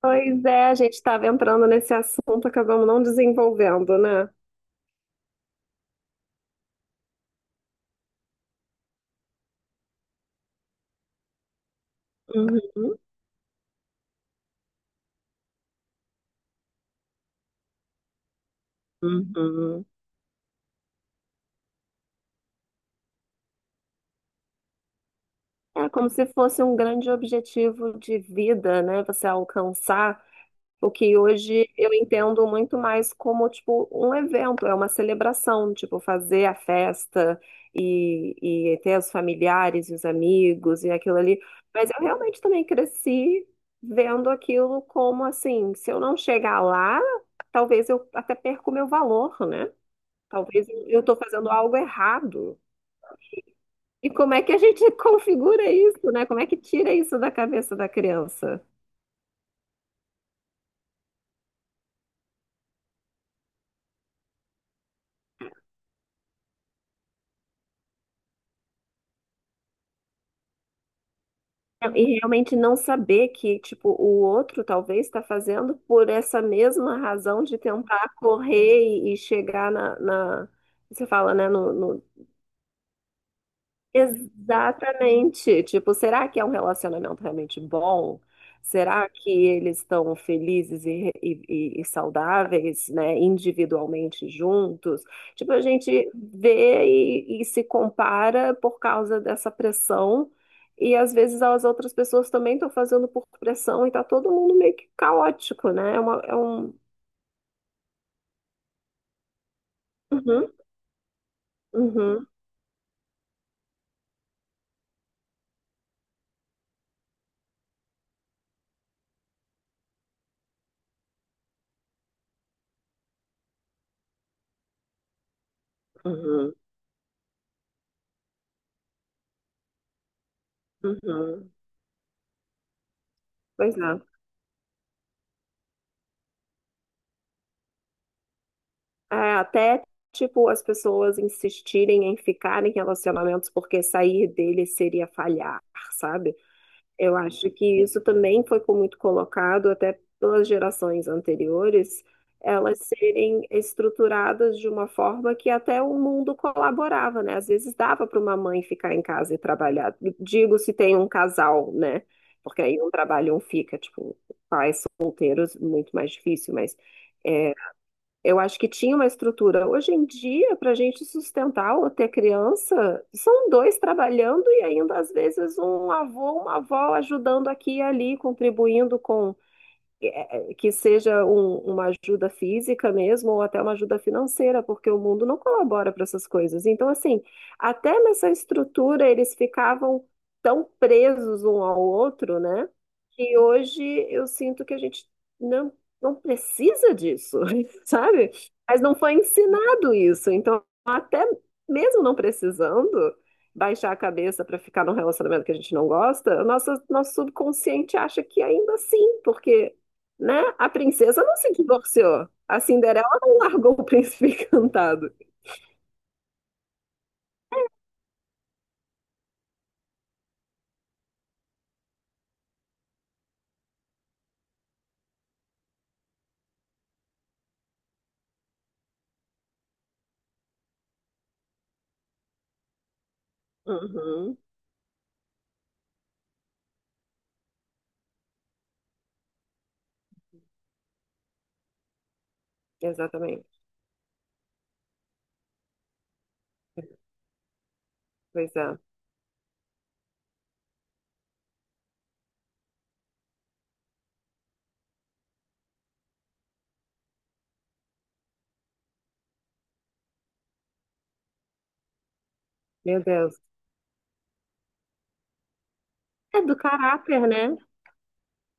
Pois é, a gente estava entrando nesse assunto, acabamos não desenvolvendo, né? Uhum, uhum. É como se fosse um grande objetivo de vida, né? Você alcançar. O que hoje eu entendo muito mais como, tipo, um evento, é uma celebração, tipo, fazer a festa e ter os familiares e os amigos e aquilo ali. Mas eu realmente também cresci vendo aquilo como, assim, se eu não chegar lá, talvez eu até perca o meu valor, né? Talvez eu estou fazendo algo errado. E como é que a gente configura isso, né? Como é que tira isso da cabeça da criança? E realmente não saber que, tipo, o outro talvez está fazendo por essa mesma razão de tentar correr e chegar você fala, né, exatamente. Tipo, será que é um relacionamento realmente bom? Será que eles estão felizes e saudáveis, né, individualmente juntos? Tipo, a gente vê e se compara por causa dessa pressão, e às vezes as outras pessoas também estão fazendo por pressão e tá todo mundo meio que caótico, né? É uma- é um... Uhum, uhum, uhum, uhum. Pois é. É, até, tipo, as pessoas insistirem em ficar em relacionamentos porque sair dele seria falhar, sabe? Eu acho que isso também foi muito colocado até pelas gerações anteriores, elas serem estruturadas de uma forma que até o mundo colaborava, né? Às vezes dava para uma mãe ficar em casa e trabalhar. Digo se tem um casal, né? Porque aí um trabalha e um fica, tipo, pais solteiros, muito mais difícil, mas. É, eu acho que tinha uma estrutura. Hoje em dia, para a gente sustentar ou ter criança, são dois trabalhando e ainda às vezes um avô, uma avó ajudando aqui e ali, contribuindo com que seja uma ajuda física mesmo, ou até uma ajuda financeira, porque o mundo não colabora para essas coisas. Então, assim, até nessa estrutura eles ficavam tão presos um ao outro, né? Que hoje eu sinto que a gente não, não precisa disso, sabe? Mas não foi ensinado isso. Então, até mesmo não precisando. Baixar a cabeça para ficar num relacionamento que a gente não gosta, o nosso subconsciente acha que ainda assim, porque né? A princesa não se divorciou. A Cinderela não largou o príncipe encantado. Uhum, exatamente. Pois é. Meu Deus. É do caráter, né?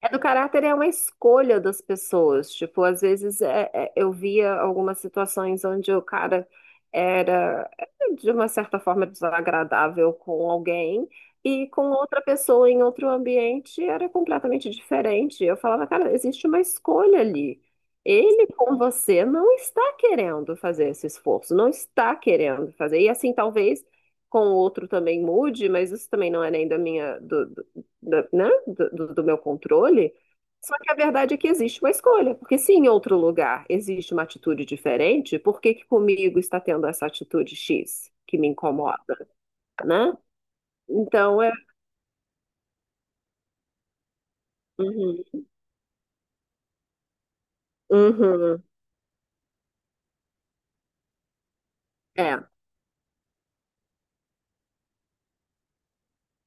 É do caráter, é uma escolha das pessoas. Tipo, às vezes eu via algumas situações onde o cara era, é, de uma certa forma, desagradável com alguém e com outra pessoa em outro ambiente era completamente diferente. Eu falava, cara, existe uma escolha ali. Ele com você não está querendo fazer esse esforço, não está querendo fazer. E assim, talvez com o outro também mude, mas isso também não é nem da minha, né, do meu controle. Só que a verdade é que existe uma escolha, porque se em outro lugar existe uma atitude diferente, por que que comigo está tendo essa atitude X que me incomoda, né? Então é. Uhum, uhum, é,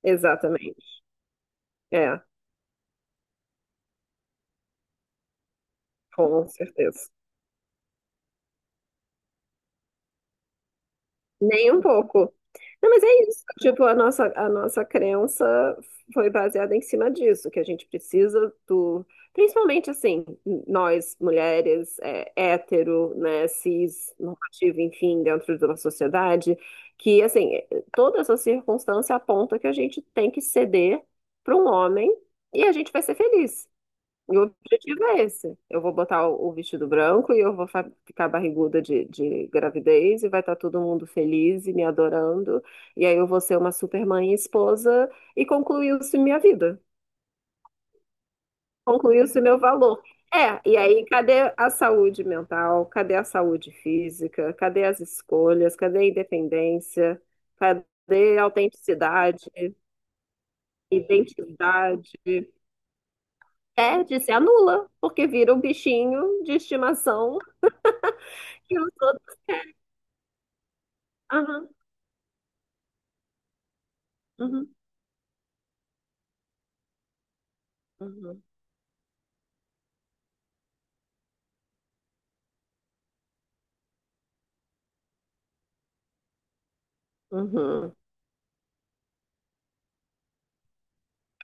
exatamente. É, com certeza. Nem um pouco. Não, mas é isso. Tipo, a nossa crença foi baseada em cima disso, que a gente precisa do. Principalmente assim, nós, mulheres, é, hétero, né, cis, normativa, enfim, dentro de uma sociedade, que assim, toda essa circunstância aponta que a gente tem que ceder para um homem e a gente vai ser feliz. E o objetivo é esse. Eu vou botar o vestido branco e eu vou ficar barriguda de gravidez e vai estar todo mundo feliz e me adorando. E aí eu vou ser uma super mãe e esposa e concluiu-se minha vida. Concluiu-se meu valor. É, e aí cadê a saúde mental? Cadê a saúde física? Cadê as escolhas? Cadê a independência? Cadê a autenticidade? Identidade? Perde, se anula, porque vira um bichinho de estimação. Eu sou. Aham, uhum, uhum, uhum.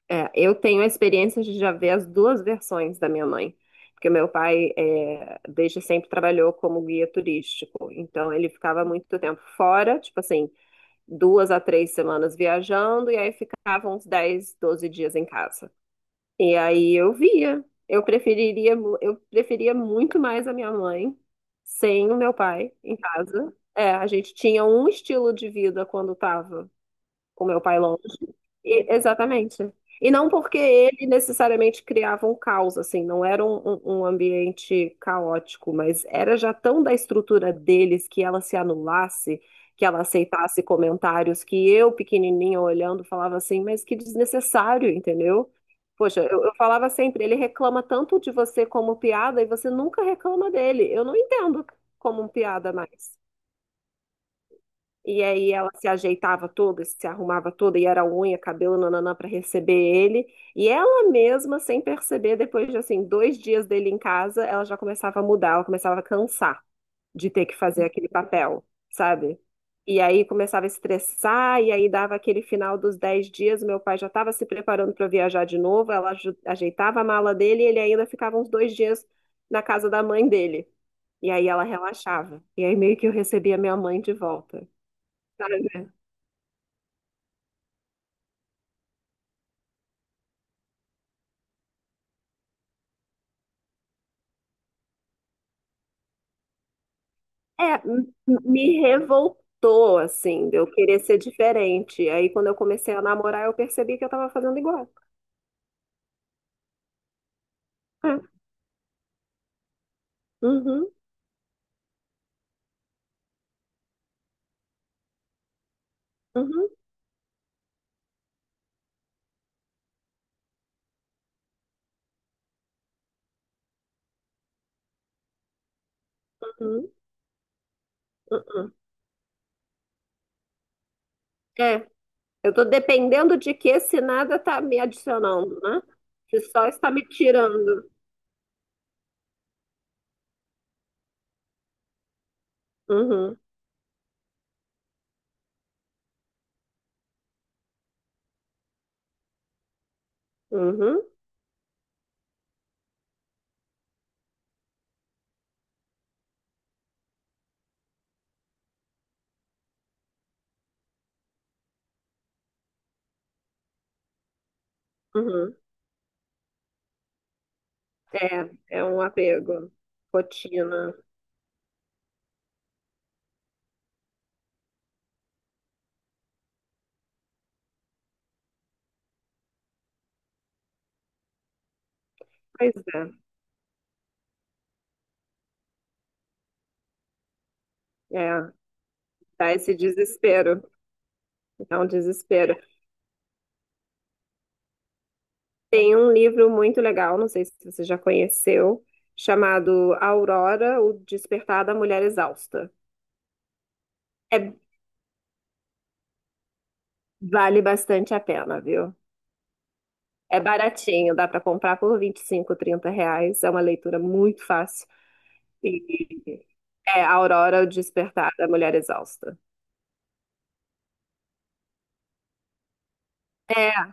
É, eu tenho a experiência de já ver as duas versões da minha mãe, porque meu pai é, desde sempre trabalhou como guia turístico, então ele ficava muito tempo fora, tipo assim, 2 a 3 semanas viajando, e aí ficava uns 10, 12 dias em casa. E aí eu via, eu preferia muito mais a minha mãe sem o meu pai em casa. É, a gente tinha um estilo de vida quando estava com meu pai longe. Exatamente. E não porque ele necessariamente criava um caos, assim, não era um ambiente caótico, mas era já tão da estrutura deles que ela se anulasse, que ela aceitasse comentários que eu, pequenininha, olhando, falava assim, mas que desnecessário, entendeu? Poxa, eu falava sempre, ele reclama tanto de você como piada e você nunca reclama dele. Eu não entendo como piada mais. E aí ela se ajeitava toda, se arrumava toda e era unha, cabelo, nananã, para receber ele. E ela mesma, sem perceber, depois de assim, 2 dias dele em casa, ela já começava a mudar, ela começava a cansar de ter que fazer aquele papel, sabe? E aí começava a estressar, e aí dava aquele final dos 10 dias, meu pai já estava se preparando para viajar de novo, ela ajeitava a mala dele e ele ainda ficava uns 2 dias na casa da mãe dele. E aí ela relaxava. E aí meio que eu recebia minha mãe de volta, sabe? É, me revoltou, assim, de eu querer ser diferente. Aí, quando eu comecei a namorar, eu percebi que eu tava fazendo igual. É. Uhum, uhum, uhum, uhum. É, eu tô dependendo de que se nada tá me adicionando, né? Se só está me tirando. Uhum, uhum, uhum. É, é um apego. Rotina. Pois é, é, dá esse desespero. É um desespero. Tem um livro muito legal, não sei se você já conheceu, chamado Aurora, o Despertar da Mulher Exausta. É, vale bastante a pena, viu? É baratinho, dá para comprar por 25, 30 reais. É uma leitura muito fácil. E é Aurora, o Despertar da Mulher Exausta. É,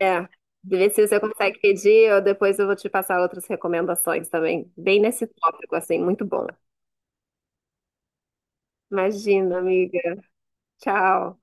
é. Vê se você consegue pedir, ou depois eu vou te passar outras recomendações também, bem nesse tópico, assim, muito bom. Imagina, amiga. Tchau.